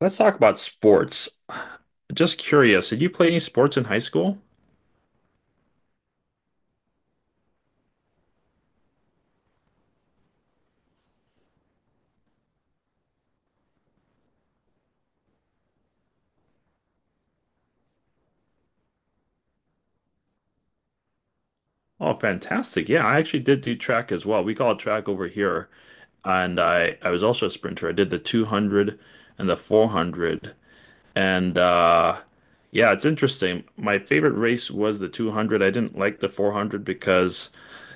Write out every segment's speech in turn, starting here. Let's talk about sports. Just curious, did you play any sports in high school? Oh, fantastic. Yeah, I actually did do track as well. We call it track over here. And I was also a sprinter. I did the 200 and the 400. And yeah, it's interesting. My favorite race was the 200. I didn't like the 400 because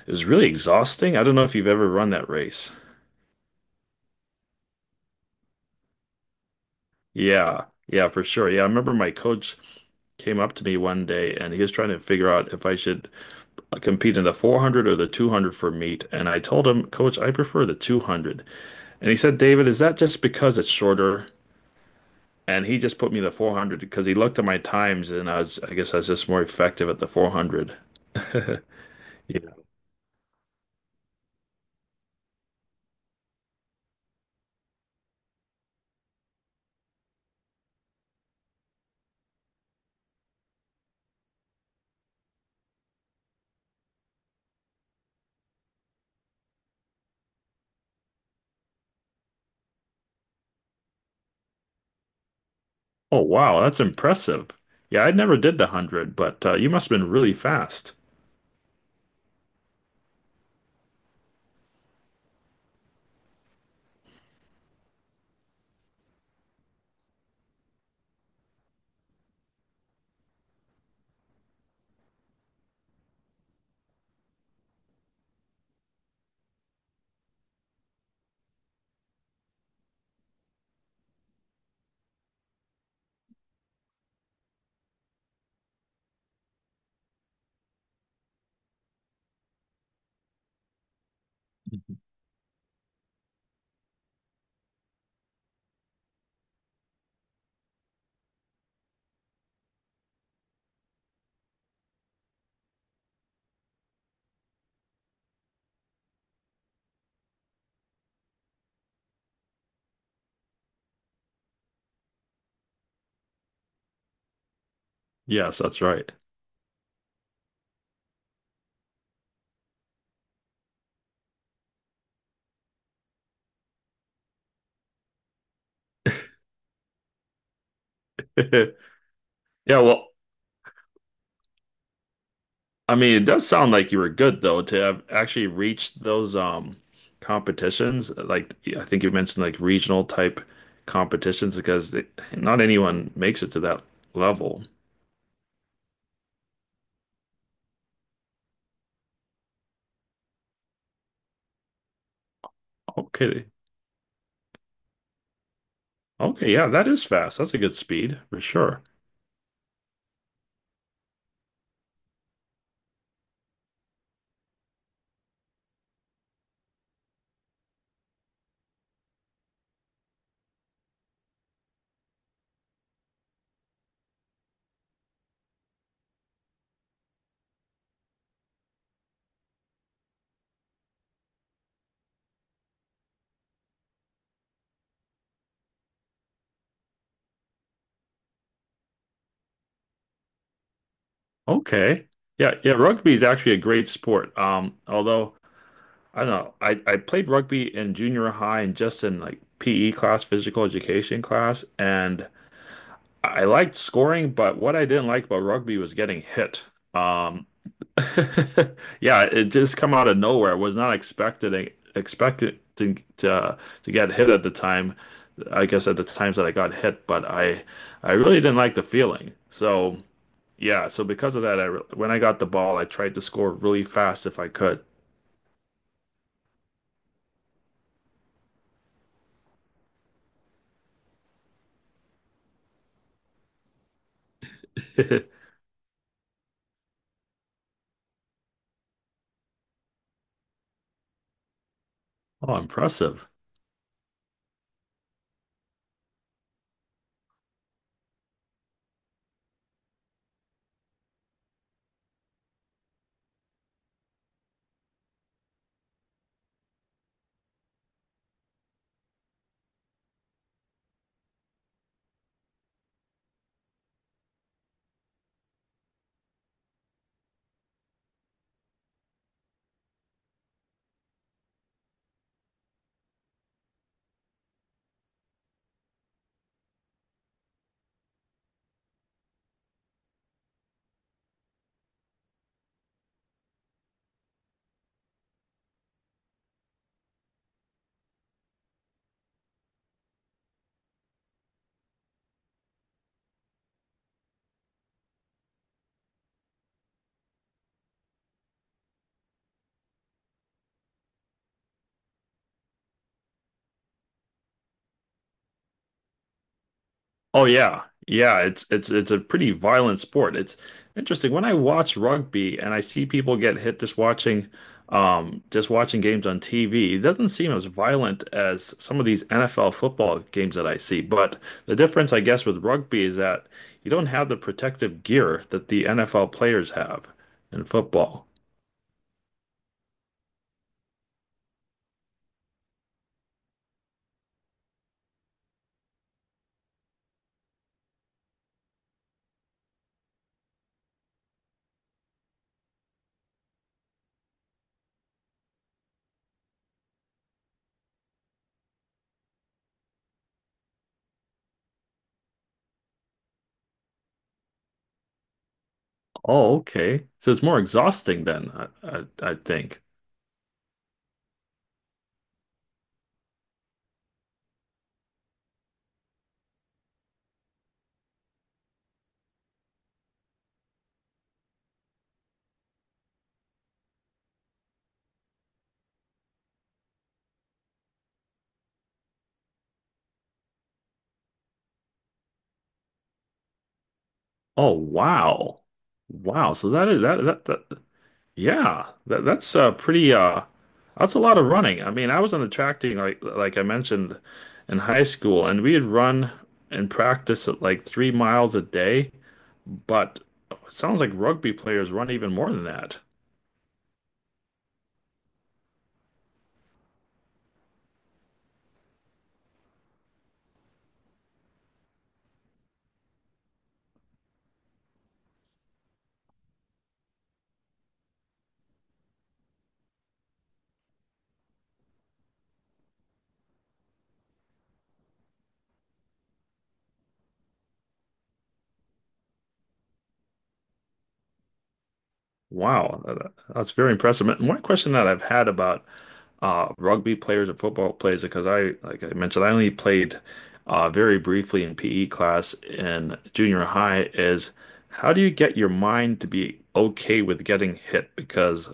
it was really exhausting. I don't know if you've ever run that race. Yeah, yeah, for sure. Yeah, I remember my coach came up to me one day and he was trying to figure out if I should, like, compete in the 400 or the 200 for meet. And I told him, Coach, I prefer the 200. And he said, David, is that just because it's shorter? And he just put me in the 400 because he looked at my times and I was, I guess I was just more effective at the 400. Yeah. Oh, wow. That's impressive. Yeah, I never did the 100, but you must have been really fast. Mhm. Yes, that's right. Yeah, well, I mean, it does sound like you were good though to have actually reached those competitions. Like I think you mentioned, like, regional type competitions because it, not anyone makes it to that level. Okay. Okay, yeah, that is fast. That's a good speed for sure. Okay. Yeah, yeah, rugby is actually a great sport. Although I don't know, I played rugby in junior high and just in, like, PE class, physical education class, and I liked scoring, but what I didn't like about rugby was getting hit. Um, yeah, it just come out of nowhere. I was not expecting to get hit at the time. I guess at the times that I got hit, but I really didn't like the feeling. So yeah, so because of that, I re- when I got the ball, I tried to score really fast if I could. Oh, impressive. Oh yeah. Yeah, it's a pretty violent sport. It's interesting when I watch rugby and I see people get hit, just watching games on TV. It doesn't seem as violent as some of these NFL football games that I see. But the difference I guess with rugby is that you don't have the protective gear that the NFL players have in football. Oh, okay. So it's more exhausting then, I think. Oh, wow. Wow. So that is that. Yeah, that, that's pretty that's a lot of running. I mean, I was on the track team, like I mentioned, in high school, and we would run and practice at like 3 miles a day, but it sounds like rugby players run even more than that. Wow, that- that's very impressive. And one question that I've had about rugby players and football players, because I, like I mentioned, I only played very briefly in PE class in junior high, is how do you get your mind to be okay with getting hit? Because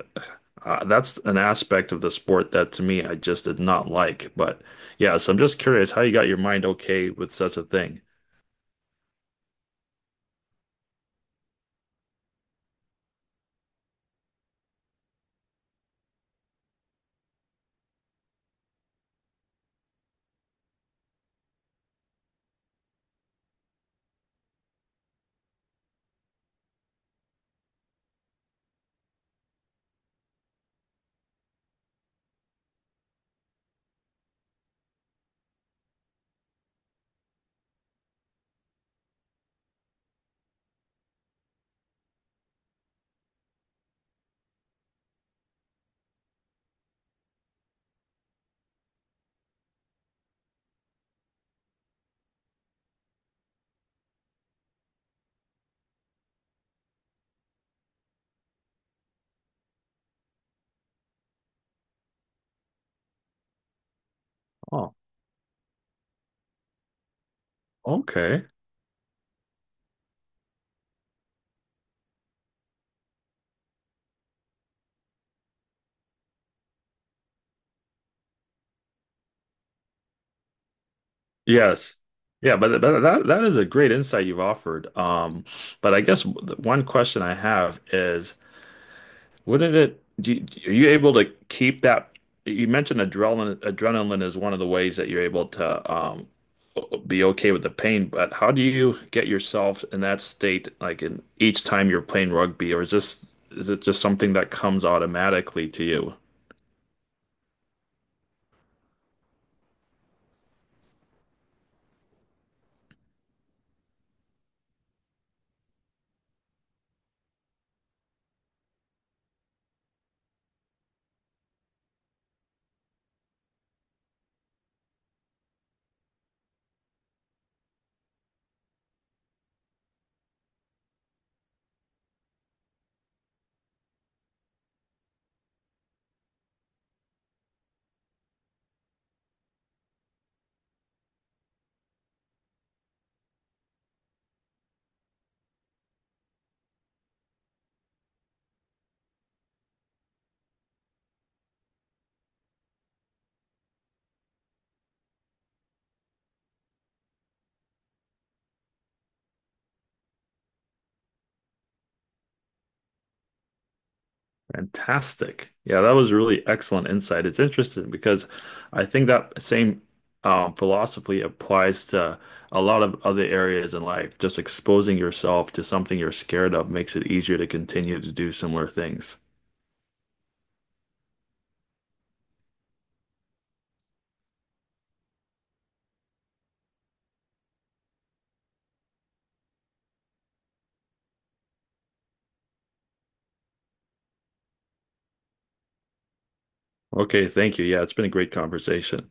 that's an aspect of the sport that to me I just did not like. But yeah, so I'm just curious how you got your mind okay with such a thing. Oh, okay. Yes. Yeah, but that that is a great insight you've offered. But I guess the one question I have is, wouldn't it do you, are you able to keep that? You mentioned adrenaline. Adrenaline is one of the ways that you're able to be okay with the pain. But how do you get yourself in that state, like in each time you're playing rugby, or is this is it just something that comes automatically to you? Fantastic. Yeah, that was really excellent insight. It's interesting because I think that same philosophy applies to a lot of other areas in life. Just exposing yourself to something you're scared of makes it easier to continue to do similar things. Okay, thank you. Yeah, it's been a great conversation.